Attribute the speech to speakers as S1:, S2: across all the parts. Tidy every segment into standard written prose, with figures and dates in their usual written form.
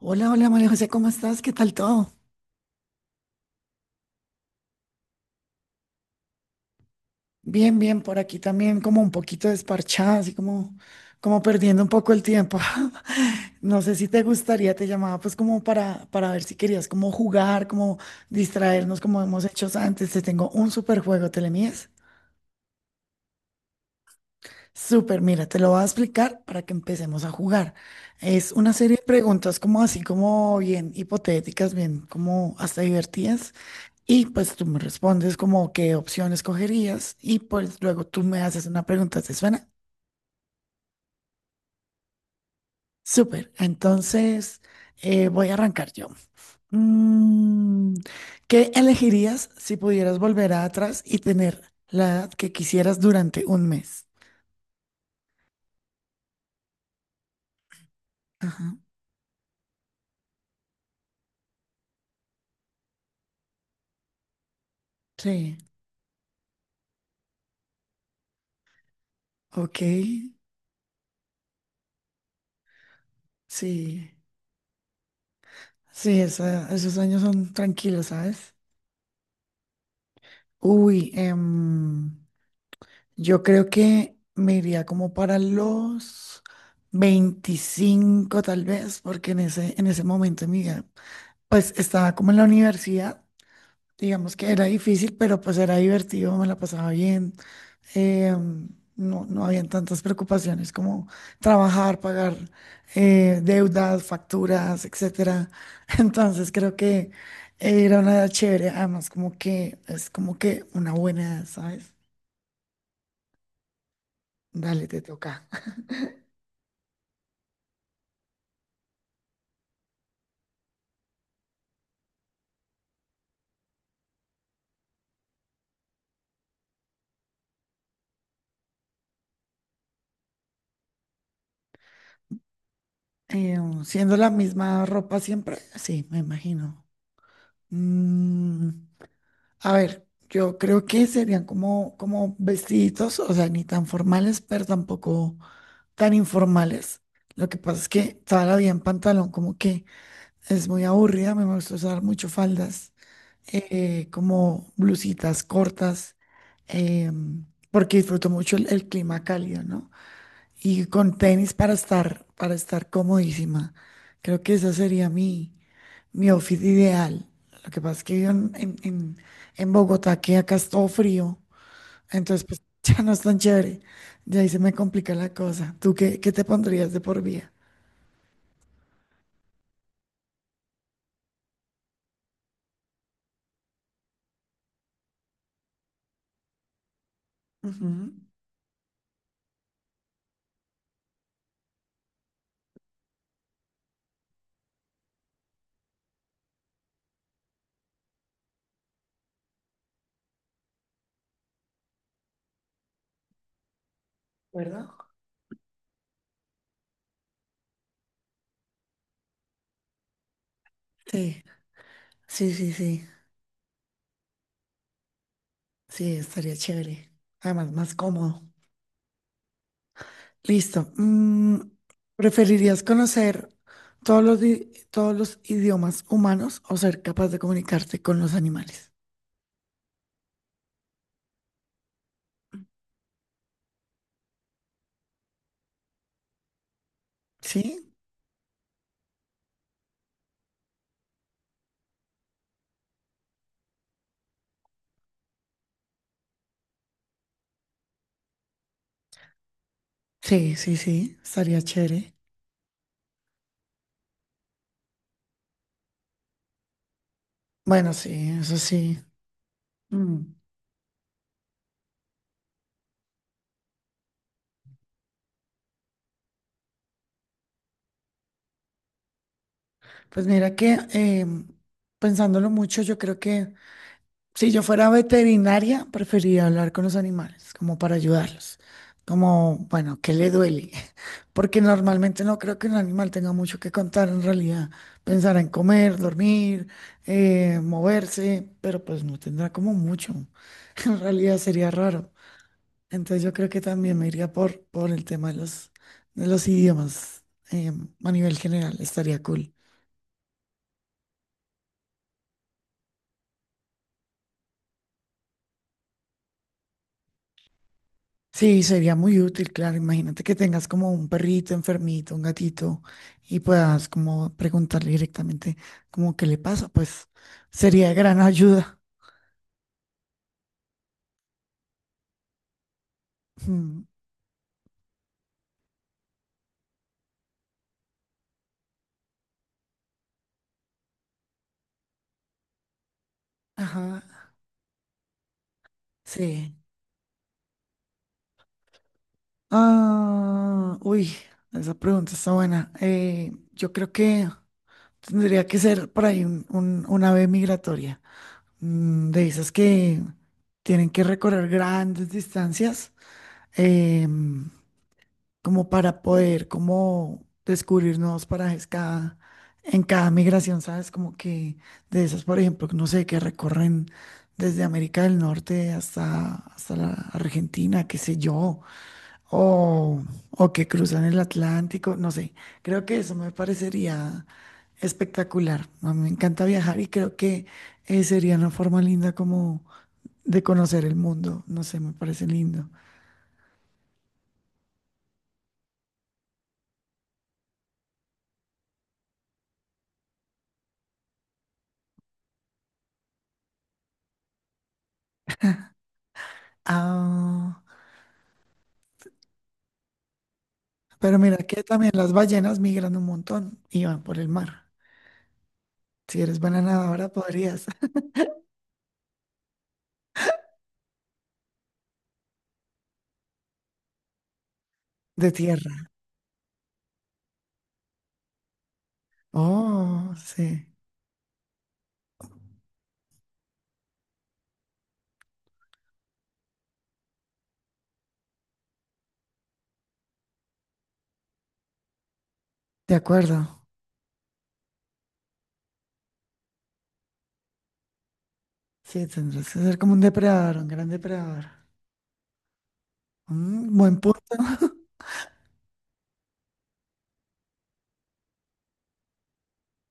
S1: Hola, hola María José, ¿cómo estás? ¿Qué tal todo? Bien, bien, por aquí también como un poquito desparchada, así como, como perdiendo un poco el tiempo. No sé si te gustaría, te llamaba pues como para ver si querías como jugar, como distraernos como hemos hecho antes. Te tengo un super juego, ¿te le mides? Súper, mira, te lo voy a explicar para que empecemos a jugar. Es una serie de preguntas como así, como bien hipotéticas, bien como hasta divertidas. Y pues tú me respondes como qué opción escogerías y pues luego tú me haces una pregunta, ¿te suena? Súper, entonces voy a arrancar yo. Mm, ¿Qué elegirías si pudieras volver atrás y tener la edad que quisieras durante un mes? Ajá, sí, ok, sí, sí, esa- esos años son tranquilos, ¿sabes? Uy, yo creo que me iría como para los 25 tal vez, porque en ese momento de mi vida, pues estaba como en la universidad, digamos que era difícil, pero pues era divertido, me la pasaba bien, eh, no habían tantas preocupaciones como trabajar, pagar deudas, facturas, etcétera. Entonces creo que era una edad chévere, además como que es como que una buena edad, ¿sabes? Dale, te toca. Eh, siendo la misma ropa siempre, sí, me imagino. Mm, a ver, yo creo que serían como, como vestiditos, o sea, ni tan formales, pero tampoco tan informales. Lo que pasa es que toda la vida en pantalón como que es muy aburrida, a mí me gusta usar mucho faldas, como blusitas cortas, em, porque disfruto mucho el clima cálido, ¿no? Y con tenis para estar comodísima. Creo que esa sería mi, mi outfit ideal. Lo que pasa es que vivo en Bogotá, que acá es todo frío, entonces pues ya no es tan chévere. De ahí se me complica la cosa. ¿Tú qué, qué te pondrías de por vida? Ujú, ¿verdad? Sí, sí, sí, sí. Sí, estaría chévere. Además, más cómodo. Listo. ¿Preferirías conocer todos los, di- todos los idiomas humanos o ser capaz de comunicarte con los animales? ¿Sí? Sí, sí, sí. Estaría chévere. Bueno, sí, eso sí. Mm. Pues mira que pensándolo mucho, yo creo que si yo fuera veterinaria, preferiría hablar con los animales, como para ayudarlos. Como, bueno, ¿qué le duele? Porque normalmente no creo que un animal tenga mucho que contar en realidad. Pensará en comer, dormir, moverse, pero pues no tendrá como mucho. En realidad sería raro. Entonces yo creo que también me iría por el tema de los idiomas, a nivel general. Estaría cool. Sí, sería muy útil, claro. Imagínate que tengas como un perrito enfermito, un gatito, y puedas como preguntarle directamente como qué le pasa, pues sería de gran ayuda. Mm, ajá, sí. Ah, uy, esa pregunta está buena. Yo creo que tendría que ser por ahí un- una ave migratoria, de esas que tienen que recorrer grandes distancias. em, como para poder como descubrir nuevos parajes cada, en cada migración, ¿sabes? Como que de esas, por ejemplo, que no sé, que recorren desde América del Norte hasta, hasta la Argentina, qué sé yo, o, o que cruzan el Atlántico, no sé, creo que eso me parecería espectacular. A mí me encanta viajar y creo que sería una forma linda como de conocer el mundo, no sé, me parece lindo. Ah. Pero mira que también las ballenas migran un montón y van por el mar. Si eres buena nadadora, podrías. De tierra. Oh, sí. De acuerdo. Sí, tendrás que ser como un depredador, un gran depredador. Mm, buen punto.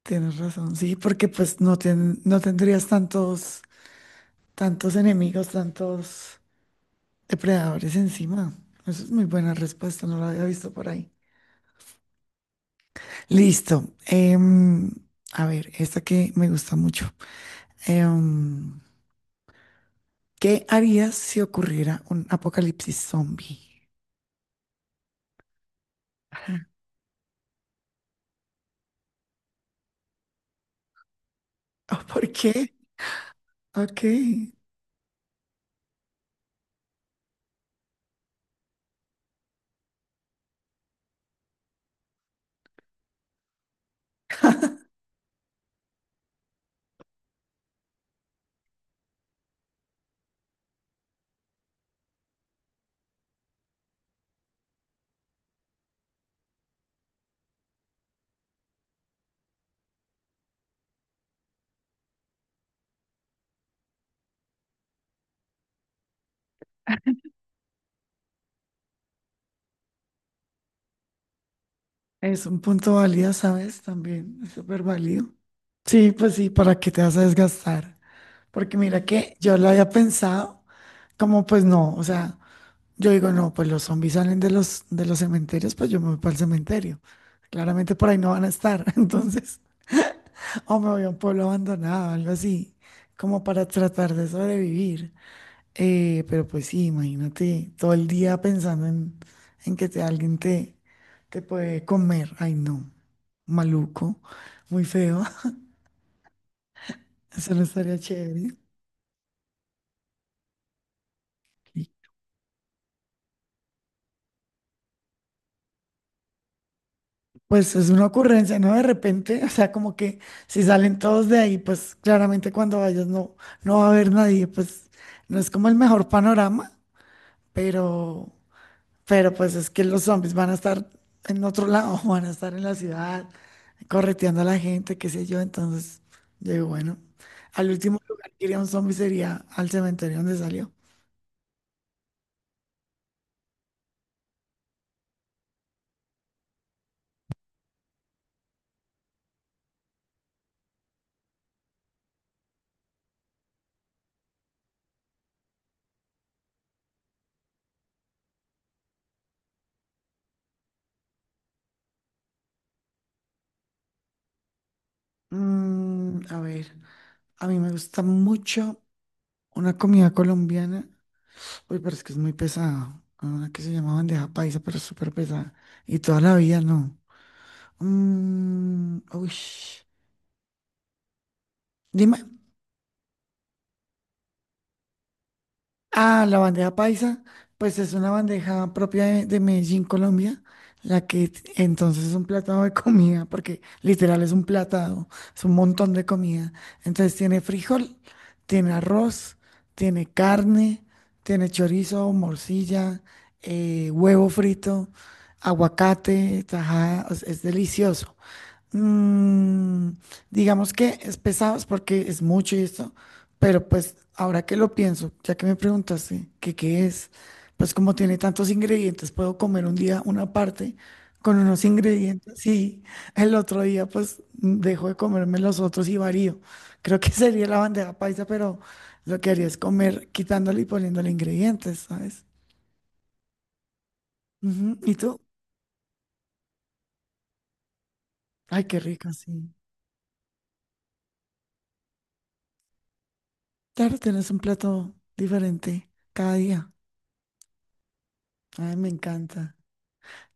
S1: Tienes razón, sí, porque pues no, ten- no tendrías tantos, tantos enemigos, tantos depredadores encima. Eso es muy buena respuesta, no la había visto por ahí. Listo. Em, a ver, esta que me gusta mucho. Em, ¿Qué harías si ocurriera un apocalipsis zombie? Ah, ¿por qué? Ok, es un punto válido, ¿sabes? También es súper válido. Sí, pues sí, ¿para qué te vas a desgastar? Porque mira que yo lo había pensado, como pues no, o sea, yo digo, no, pues los zombies salen de los cementerios, pues yo me voy para el cementerio. Claramente por ahí no van a estar, entonces, o me voy a un pueblo abandonado, algo así, como para tratar de sobrevivir. Pero pues sí, imagínate todo el día pensando en que te, alguien te, te puede comer. Ay, no, maluco, muy feo. Eso no estaría chévere. Y, pues es una ocurrencia, ¿no? De repente, o sea, como que si salen todos de ahí, pues claramente cuando vayas no, no va a haber nadie, pues no es como el mejor panorama, pero Pero pues es que los zombies van a estar en otro lado, van a estar en la ciudad, correteando a la gente, qué sé yo. Entonces, yo digo, bueno, al último lugar que iría un zombie sería al cementerio donde salió. A ver, a mí me gusta mucho una comida colombiana. Uy, pero es que es muy pesada. Una que se llama bandeja paisa, pero es súper pesada. Y toda la vida no. Mm, uy, dime. Ah, la bandeja paisa, pues es una bandeja propia de Medellín, Colombia, la que t- entonces es un platado de comida, porque literal es un platado, es un montón de comida. Entonces tiene frijol, tiene arroz, tiene carne, tiene chorizo, morcilla, huevo frito, aguacate, tajada, o sea, es delicioso. Mm, digamos que es pesado es porque es mucho y esto, pero pues ahora que lo pienso, ya que me preguntaste que qué es, pues como tiene tantos ingredientes, puedo comer un día una parte con unos ingredientes y el otro día pues dejo de comerme los otros y varío. Creo que sería la bandeja paisa, pero lo que haría es comer quitándole y poniéndole ingredientes, ¿sabes? Ujú. ¿Y tú? Ay, qué rico, sí. Claro, tienes un plato diferente cada día. Ay, me encanta.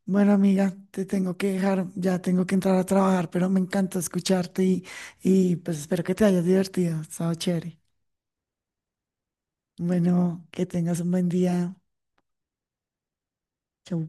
S1: Bueno, amiga, te tengo que dejar, ya tengo que entrar a trabajar, pero me encanta escucharte y pues espero que te hayas divertido, ha estado chévere. Bueno, que tengas un buen día. Chau.